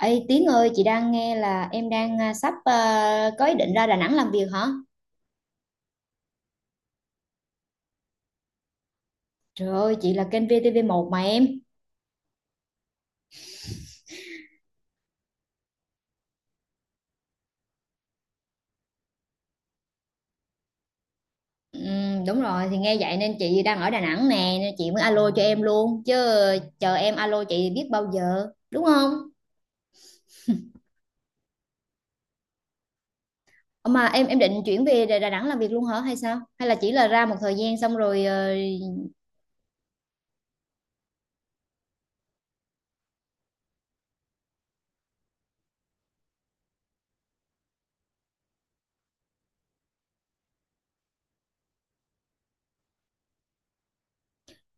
Ê Tiến ơi, chị đang nghe là em đang sắp, có ý định ra Đà Nẵng làm việc hả? Trời ơi, chị là kênh VTV1 mà em. Đúng rồi, thì nghe vậy nên chị đang ở Đà Nẵng nè, nên chị mới alo cho em luôn. Chứ chờ em alo chị biết bao giờ, đúng không? Ờ, Mà em định chuyển về Đà Đà Nẵng làm việc luôn hả hay sao? Hay là chỉ là ra một thời gian xong rồi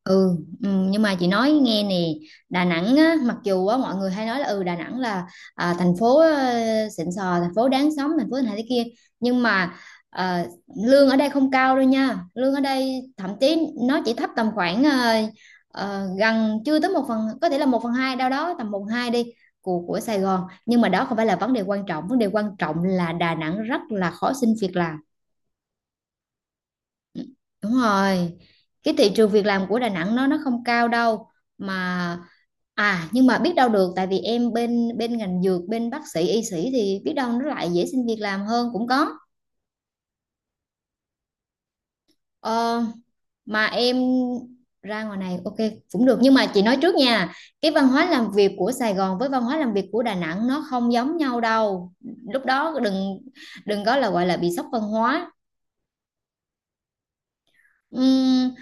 Ừ, nhưng mà chị nói nghe nè. Đà Nẵng á, mặc dù á, mọi người hay nói là ừ Đà Nẵng là thành phố xịn sò, thành phố đáng sống, thành phố này thế kia, nhưng mà ờ, lương ở đây không cao đâu nha. Lương ở đây thậm chí nó chỉ thấp tầm khoảng gần chưa tới một phần, có thể là một phần hai, đâu đó tầm một phần hai đi, của Sài Gòn. Nhưng mà đó không phải là vấn đề quan trọng, vấn đề quan trọng là Đà Nẵng rất là khó xin việc làm. Đúng rồi, cái thị trường việc làm của Đà Nẵng nó không cao đâu mà. À, nhưng mà biết đâu được, tại vì em bên bên ngành dược, bên bác sĩ y sĩ thì biết đâu nó lại dễ xin việc làm hơn cũng có. ờ, mà em ra ngoài này ok cũng được, nhưng mà chị nói trước nha, cái văn hóa làm việc của Sài Gòn với văn hóa làm việc của Đà Nẵng nó không giống nhau đâu. Lúc đó đừng đừng có là gọi là bị sốc văn hóa. Ừm,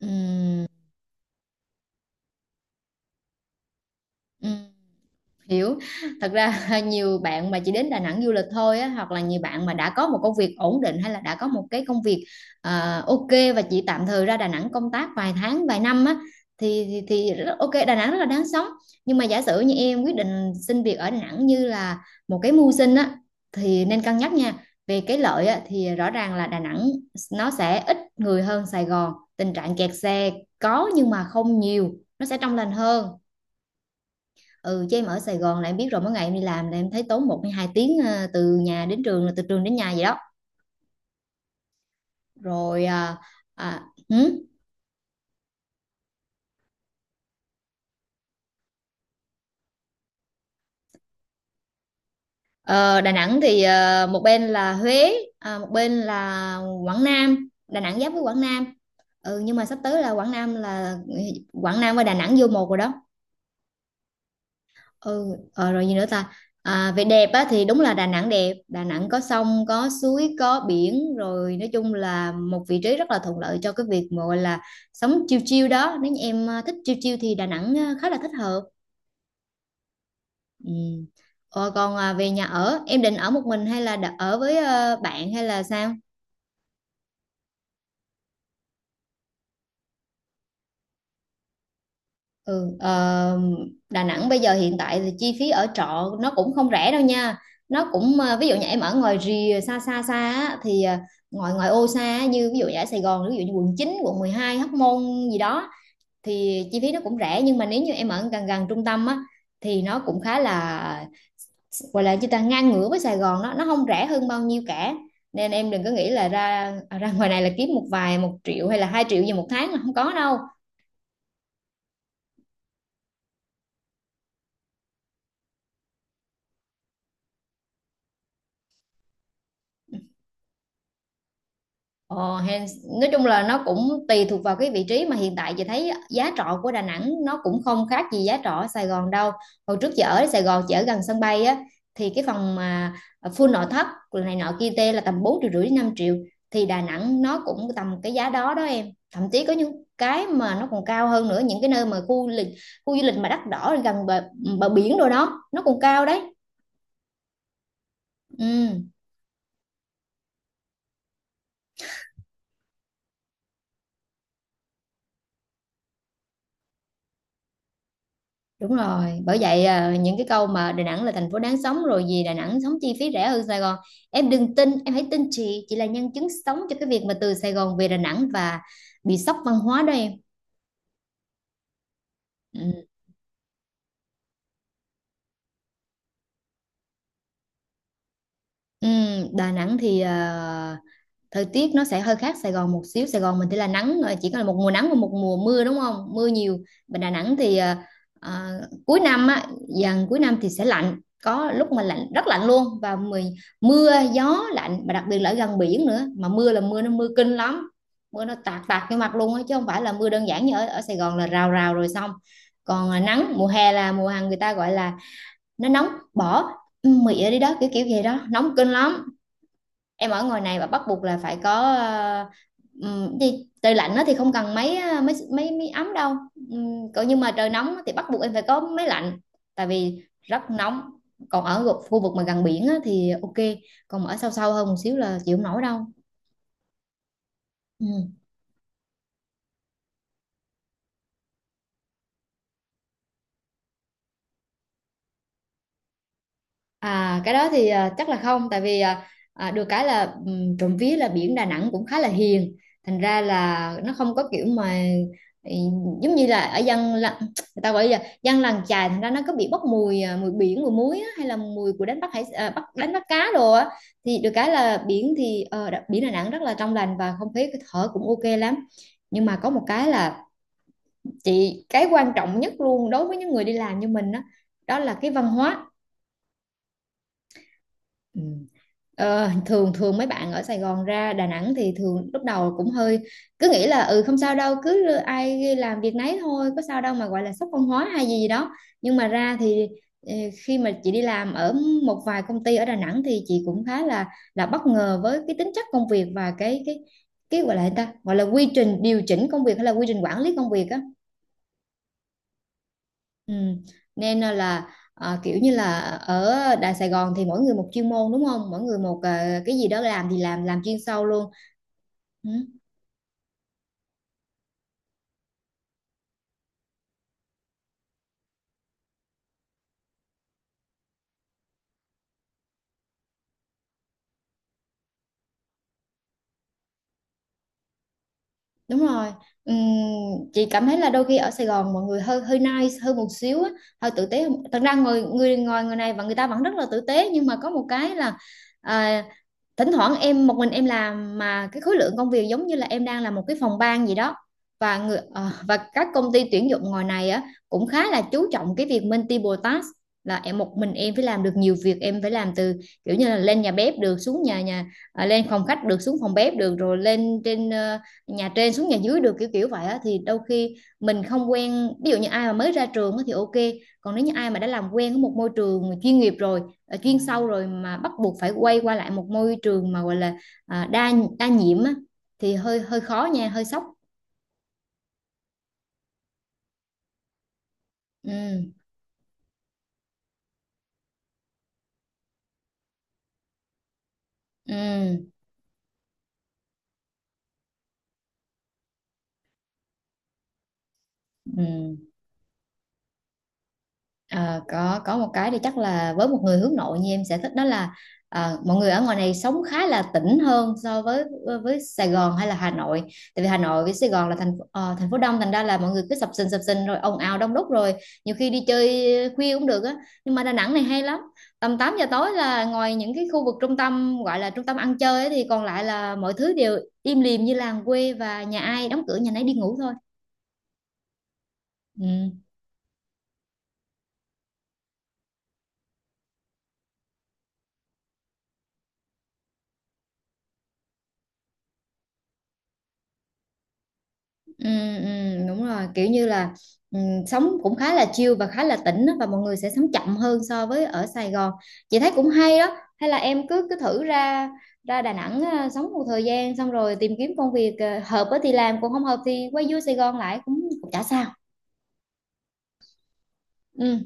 ừm, ừm. Hiểu. Thật ra nhiều bạn mà chỉ đến Đà Nẵng du lịch thôi á, hoặc là nhiều bạn mà đã có một công việc ổn định, hay là đã có một cái công việc ok, và chỉ tạm thời ra Đà Nẵng công tác vài tháng vài năm á, thì, thì ok, Đà Nẵng rất là đáng sống. Nhưng mà giả sử như em quyết định xin việc ở Đà Nẵng như là một cái mưu sinh á, thì nên cân nhắc nha. Về cái lợi á, thì rõ ràng là Đà Nẵng nó sẽ ít người hơn Sài Gòn, tình trạng kẹt xe có nhưng mà không nhiều, nó sẽ trong lành hơn. Ừ, chứ em ở Sài Gòn là em biết rồi, mỗi ngày em đi làm là em thấy tốn một hay hai tiếng từ nhà đến trường, là từ trường đến nhà vậy đó. Rồi à, hử? Ờ, Đà Nẵng thì một bên là Huế, một bên là Quảng Nam. Đà Nẵng giáp với Quảng Nam. Ừ, nhưng mà sắp tới là Quảng Nam và Đà Nẵng vô một rồi đó. Ừ. Rồi gì nữa ta? À, về đẹp á thì đúng là Đà Nẵng đẹp, Đà Nẵng có sông có suối có biển, rồi nói chung là một vị trí rất là thuận lợi cho cái việc mà gọi là sống chill chill đó. Nếu như em thích chill chill thì Đà Nẵng khá là thích hợp. Ừ. Còn về nhà ở, em định ở một mình hay là ở với bạn hay là sao? Ừ, ờ, Đà Nẵng bây giờ hiện tại thì chi phí ở trọ nó cũng không rẻ đâu nha. Nó cũng ví dụ như em ở ngoài rìa xa xa xa á, thì ngoài ngoài ô xa á, như ví dụ như ở Sài Gòn, ví dụ như quận chín, quận mười hai, Hóc Môn gì đó, thì chi phí nó cũng rẻ. Nhưng mà nếu như em ở gần gần trung tâm á, thì nó cũng khá là, gọi là chúng ta ngang ngửa với Sài Gòn, nó không rẻ hơn bao nhiêu cả. Nên em đừng có nghĩ là ra, ngoài này là kiếm một vài một triệu hay là hai triệu gì một tháng là không có đâu. Ờ, hèn- nói chung là nó cũng tùy thuộc vào cái vị trí, mà hiện tại chị thấy giá trọ của Đà Nẵng nó cũng không khác gì giá trọ ở Sài Gòn đâu. Hồi trước chị ở Sài Gòn, chị ở gần sân bay á, thì cái phòng mà full nội thất này nọ kia tê là tầm 4 triệu rưỡi đến 5 triệu, thì Đà Nẵng nó cũng tầm cái giá đó đó em. Thậm chí có những cái mà nó còn cao hơn nữa, những cái nơi mà khu du lịch mà đắt đỏ gần bờ biển rồi đó, nó còn cao đấy. Ừ. Đúng rồi, bởi vậy những cái câu mà Đà Nẵng là thành phố đáng sống, rồi gì Đà Nẵng sống chi phí rẻ hơn Sài Gòn, em đừng tin. Em hãy tin chị là nhân chứng sống cho cái việc mà từ Sài Gòn về Đà Nẵng và bị sốc văn hóa đó em. Ừ. Ừ, Đà Nẵng thì thời tiết nó sẽ hơi khác Sài Gòn một xíu. Sài Gòn mình thì là nắng, chỉ có là một mùa nắng và một mùa mưa đúng không, mưa nhiều. Bên Đà Nẵng thì ờ, cuối năm á, dần cuối năm thì sẽ lạnh, có lúc mà lạnh rất lạnh luôn. Và mưa gió lạnh, và đặc biệt là ở gần biển nữa, mà mưa là mưa nó mưa kinh lắm. Mưa nó tạt tạt vô mặt luôn á, chứ không phải là mưa đơn giản như ở Sài Gòn là rào rào rồi xong. Còn nắng mùa hè là mùa hàng người ta gọi là nó nóng bỏ mị đi đó, kiểu kiểu vậy đó, nóng kinh lắm. Em ở ngoài này và bắt buộc là phải có gì, trời lạnh á thì không cần máy máy ấm đâu. Còn nhưng mà trời nóng á thì bắt buộc em phải có máy lạnh, tại vì rất nóng. Còn ở khu vực mà gần biển á thì ok, còn mà ở sâu sâu hơn một xíu là chịu không nổi đâu. Ừ. À, cái đó thì chắc là không, tại vì được cái là trộm vía là biển Đà Nẵng cũng khá là hiền, thành ra là nó không có kiểu mà, ừ, giống như là ở người ta gọi là dân làng chài, thành ra nó có bị bốc mùi, mùi biển mùi muối á, hay là mùi của đánh bắt đánh bắt cá đồ á. Thì được cái là biển thì biển Đà Nẵng rất là trong lành và không khí thở cũng ok lắm. Nhưng mà có một cái là cái quan trọng nhất luôn đối với những người đi làm như mình á, đó là cái văn hóa. Ừ. Ờ, thường thường mấy bạn ở Sài Gòn ra Đà Nẵng thì thường lúc đầu cũng hơi cứ nghĩ là ừ không sao đâu, cứ ai làm việc nấy thôi, có sao đâu mà gọi là sốc văn hóa hay gì gì đó. Nhưng mà ra thì ờ, khi mà chị đi làm ở một vài công ty ở Đà Nẵng, thì chị cũng khá là bất ngờ với cái tính chất công việc và cái cái gọi là gì ta, gọi là quy trình điều chỉnh công việc hay là quy trình quản lý công việc á. Ừ. Nên kiểu như là ở Đại Sài Gòn thì mỗi người một chuyên môn đúng không? Mỗi người một cái gì đó, làm thì làm chuyên sâu luôn. Ừ. Đúng rồi. Ừm, chị cảm thấy là đôi khi ở Sài Gòn mọi người hơi hơi nice hơn một xíu á, hơi tử tế hơn. Thật ra người người ngồi người này và người ta vẫn rất là tử tế nhưng mà có một cái là à, thỉnh thoảng em một mình em làm mà cái khối lượng công việc giống như là em đang làm một cái phòng ban gì đó và và các công ty tuyển dụng ngoài này á cũng khá là chú trọng cái việc multiple task là em một mình em phải làm được nhiều việc em phải làm từ kiểu như là lên nhà bếp được xuống nhà nhà à, lên phòng khách được xuống phòng bếp được rồi nhà trên xuống nhà dưới được kiểu kiểu vậy á thì đôi khi mình không quen ví dụ như ai mà mới ra trường á thì ok, còn nếu như ai mà đã làm quen với một môi trường chuyên nghiệp rồi, ờ, chuyên sâu rồi mà bắt buộc phải quay qua lại một môi trường mà gọi là à, đa đa nhiệm á thì hơi hơi khó nha, hơi sốc. Ừ. Ừ. Ừ. Ờ, có một cái thì chắc là với một người hướng nội như em sẽ thích đó là, ờ, mọi người ở ngoài này sống khá là tỉnh hơn so với Sài Gòn hay là Hà Nội, tại vì Hà Nội với Sài Gòn là thành phố đông, thành ra là mọi người cứ sập sình rồi ồn ào đông đúc rồi nhiều khi đi chơi khuya cũng được á, nhưng mà Đà Nẵng này hay lắm. Tầm 8 giờ tối là ngoài những cái khu vực trung tâm gọi là trung tâm ăn chơi ấy, thì còn lại là mọi thứ đều im lìm như làng quê và nhà ai đóng cửa nhà nấy đi ngủ thôi. Ừ. Ừ, ừ, đúng rồi, kiểu như là, ừ, sống cũng khá là chill và khá là tĩnh á, và mọi người sẽ sống chậm hơn so với ở Sài Gòn. Chị thấy cũng hay đó, hay là em cứ cứ thử ra ra Đà Nẵng, à, sống một thời gian xong rồi tìm kiếm công việc à, hợp á thì làm, còn không hợp thì quay vô Sài Gòn lại cũng, cũng chả sao. Ừ.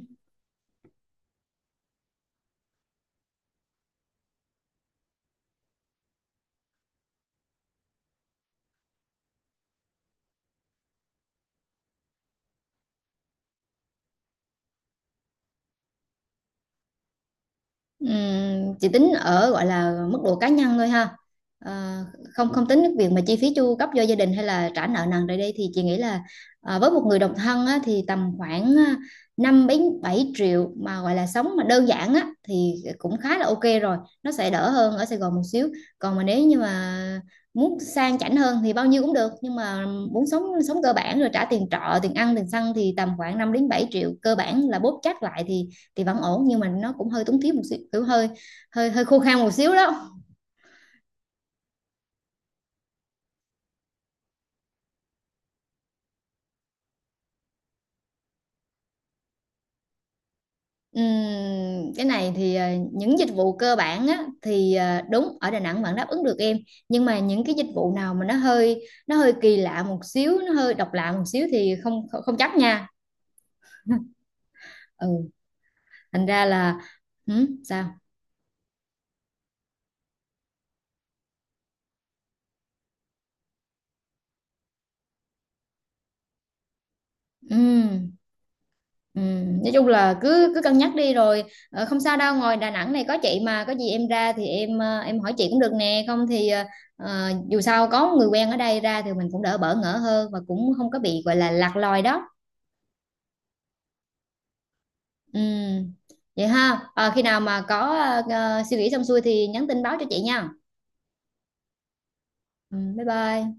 Ừm, chỉ tính ở gọi là mức độ cá nhân thôi ha. Ờ, không không tính cái việc mà chi phí chu cấp cho gia đình hay là trả nợ nần rồi đây thì chị nghĩ là, à, với một người độc thân á, thì tầm khoảng à, 5 đến 7 triệu mà gọi là sống mà đơn giản á thì cũng khá là ok rồi, nó sẽ đỡ hơn ở Sài Gòn một xíu. Còn mà nếu như mà muốn sang chảnh hơn thì bao nhiêu cũng được, nhưng mà muốn sống, sống cơ bản rồi trả tiền trọ tiền ăn tiền xăng thì tầm khoảng 5 đến 7 triệu cơ bản là bóp chắc lại thì vẫn ổn, nhưng mà nó cũng hơi túng thiếu một xíu, kiểu hơi hơi hơi khô khan một xíu đó. Cái này thì, ờ, những dịch vụ cơ bản á, thì ờ, đúng ở Đà Nẵng vẫn đáp ứng được em, nhưng mà những cái dịch vụ nào mà nó hơi kỳ lạ một xíu, nó hơi độc lạ một xíu thì không, không, không chắc nha. Ừ, thành ra là, ừ, sao. Ừ. Ừ, nói chung là cứ cứ cân nhắc đi rồi, ờ, không sao đâu, ngoài Đà Nẵng này có chị, mà có gì em ra thì em, ờ, em hỏi chị cũng được nè, không thì, ờ, ờ, dù sao có người quen ở đây ra thì mình cũng đỡ bỡ ngỡ hơn và cũng không có bị gọi là lạc lòi đó. Ừ. Vậy ha. Ờ, khi nào mà có ờ, ờ, suy nghĩ xong xuôi thì nhắn tin báo cho chị nha. Ừ, bye bye.